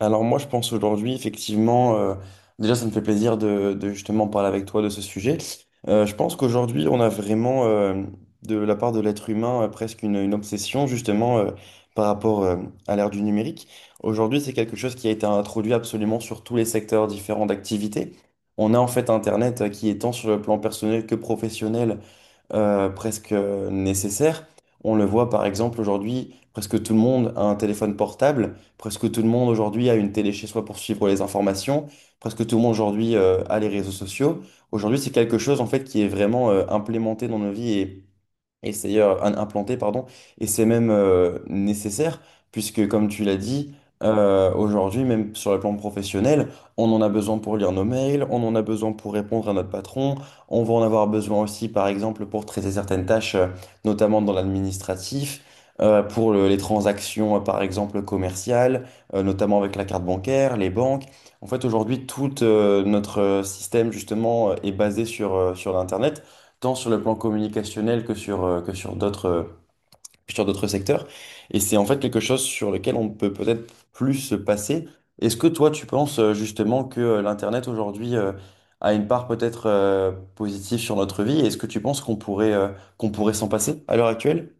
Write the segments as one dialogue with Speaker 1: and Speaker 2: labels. Speaker 1: Alors moi, je pense aujourd'hui, effectivement, déjà, ça me fait plaisir de justement parler avec toi de ce sujet. Je pense qu'aujourd'hui, on a vraiment, de la part de l'être humain, presque une obsession, justement, par rapport, à l'ère du numérique. Aujourd'hui, c'est quelque chose qui a été introduit absolument sur tous les secteurs différents d'activité. On a en fait Internet qui est tant sur le plan personnel que professionnel presque nécessaire. On le voit par exemple aujourd'hui, presque tout le monde a un téléphone portable, presque tout le monde aujourd'hui a une télé chez soi pour suivre les informations, presque tout le monde aujourd'hui a les réseaux sociaux. Aujourd'hui, c'est quelque chose en fait qui est vraiment implémenté dans nos vies et c'est implanté, pardon, et c'est même nécessaire, puisque comme tu l'as dit, aujourd'hui, même sur le plan professionnel, on en a besoin pour lire nos mails, on en a besoin pour répondre à notre patron, on va en avoir besoin aussi, par exemple, pour traiter certaines tâches, notamment dans l'administratif, les transactions, par exemple, commerciales, notamment avec la carte bancaire, les banques. En fait, aujourd'hui, tout notre système, justement, est basé sur l'Internet tant sur le plan communicationnel que sur d'autres secteurs. Et c'est en fait quelque chose sur lequel on peut peut-être plus se passer. Est-ce que toi, tu penses justement que l'Internet aujourd'hui a une part peut-être positive sur notre vie? Et est-ce que tu penses qu'on pourrait s'en passer à l'heure actuelle?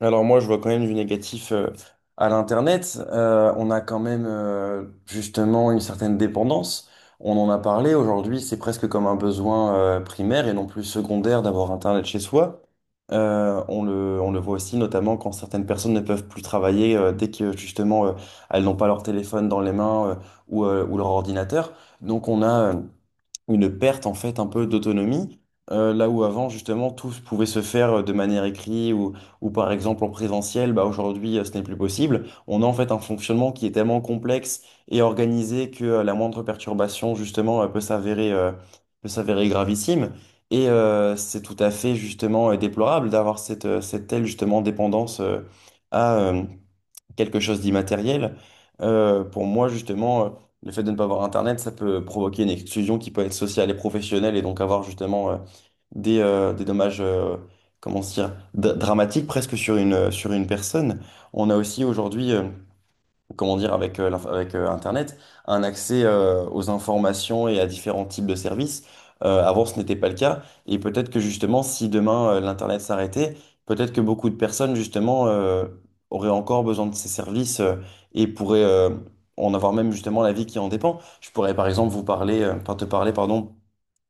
Speaker 1: Alors moi, je vois quand même du négatif à l'Internet. On a quand même justement une certaine dépendance. On en a parlé aujourd'hui, c'est presque comme un besoin primaire et non plus secondaire d'avoir Internet chez soi. On le voit aussi notamment quand certaines personnes ne peuvent plus travailler dès que justement elles n'ont pas leur téléphone dans les mains ou leur ordinateur. Donc on a une perte en fait un peu d'autonomie, là où avant justement pouvait se faire de manière écrite, ou par exemple en présentiel, bah aujourd'hui ce n'est plus possible. On a en fait un fonctionnement qui est tellement complexe et organisé que la moindre perturbation justement peut s'avérer gravissime. C'est tout à fait justement déplorable d'avoir cette telle justement dépendance à quelque chose d'immatériel. Pour moi, justement, le fait de ne pas avoir Internet, ça peut provoquer une exclusion qui peut être sociale et professionnelle et donc avoir justement des dommages, comment se dire, dramatiques presque sur sur une personne. On a aussi aujourd'hui, comment dire, avec Internet, un accès aux informations et à différents types de services. Avant, ce n'était pas le cas. Et peut-être que justement, si demain l'Internet s'arrêtait, peut-être que beaucoup de personnes, justement, auraient encore besoin de ces services et pourraient en avoir même justement la vie qui en dépend. Je pourrais, par exemple, te parler, pardon,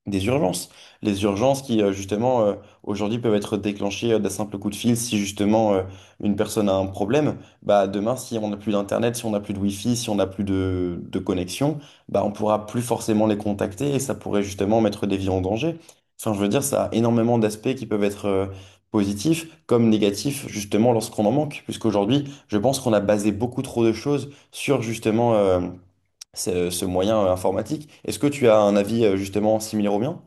Speaker 1: des urgences. Les urgences qui aujourd'hui peuvent être déclenchées d'un simple coup de fil si, justement, une personne a un problème. Bah, demain, si on n'a plus d'Internet, si on n'a plus de Wi-Fi, si on n'a plus de connexion, bah, on pourra plus forcément les contacter et ça pourrait, justement, mettre des vies en danger. Enfin, je veux dire, ça a énormément d'aspects qui peuvent être positifs comme négatifs, justement, lorsqu'on en manque. Puisqu'aujourd'hui, je pense qu'on a basé beaucoup trop de choses sur, justement, ce moyen informatique. Est-ce que tu as un avis, justement, similaire au mien?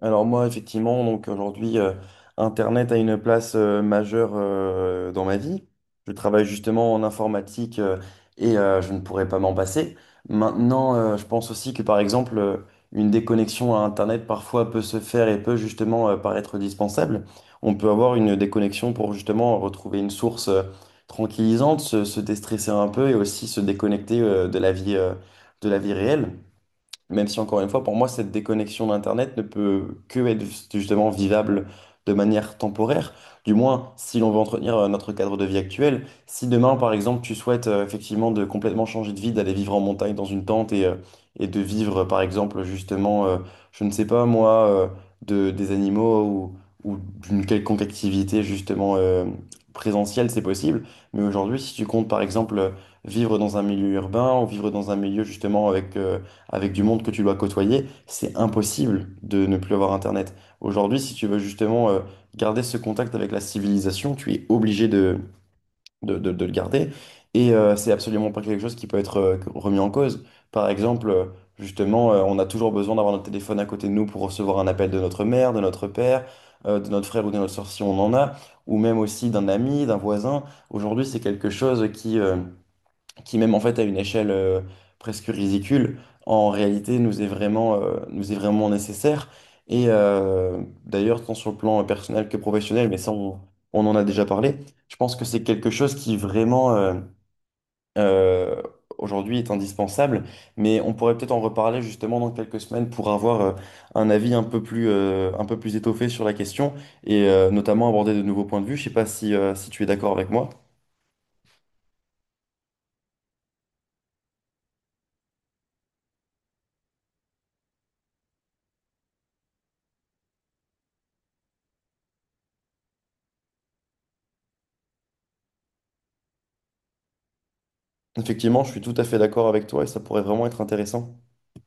Speaker 1: Alors moi, effectivement, donc aujourd'hui, Internet a une place majeure dans ma vie. Je travaille justement en informatique et je ne pourrais pas m'en passer. Maintenant, je pense aussi que par exemple, une déconnexion à Internet parfois peut se faire et peut justement paraître dispensable. On peut avoir une déconnexion pour justement retrouver une source tranquillisante, se déstresser un peu et aussi se déconnecter de la vie réelle. Même si, encore une fois, pour moi, cette déconnexion d'Internet ne peut que être justement vivable de manière temporaire. Du moins, si l'on veut entretenir notre cadre de vie actuel. Si demain, par exemple, tu souhaites effectivement de complètement changer de vie, d'aller vivre en montagne dans une tente et et de vivre, par exemple, justement, je ne sais pas moi, des animaux ou d'une quelconque activité justement présentielle, c'est possible. Mais aujourd'hui, si tu comptes, par exemple, vivre dans un milieu urbain ou vivre dans un milieu justement avec du monde que tu dois côtoyer, c'est impossible de ne plus avoir Internet. Aujourd'hui, si tu veux justement garder ce contact avec la civilisation, tu es obligé de le garder. C'est absolument pas quelque chose qui peut être remis en cause. Par exemple, justement, on a toujours besoin d'avoir notre téléphone à côté de nous pour recevoir un appel de notre mère, de notre père, de notre frère ou de notre soeur si on en a, ou même aussi d'un ami, d'un voisin. Aujourd'hui, c'est quelque chose qui même en fait à une échelle presque ridicule, en réalité nous est vraiment nécessaire. D'ailleurs, tant sur le plan personnel que professionnel, mais ça on en a déjà parlé, je pense que c'est quelque chose qui vraiment euh, aujourd'hui est indispensable, mais on pourrait peut-être en reparler justement dans quelques semaines pour avoir un avis un peu un peu plus étoffé sur la question et notamment aborder de nouveaux points de vue. Je sais pas si, si tu es d'accord avec moi. Effectivement, je suis tout à fait d'accord avec toi et ça pourrait vraiment être intéressant.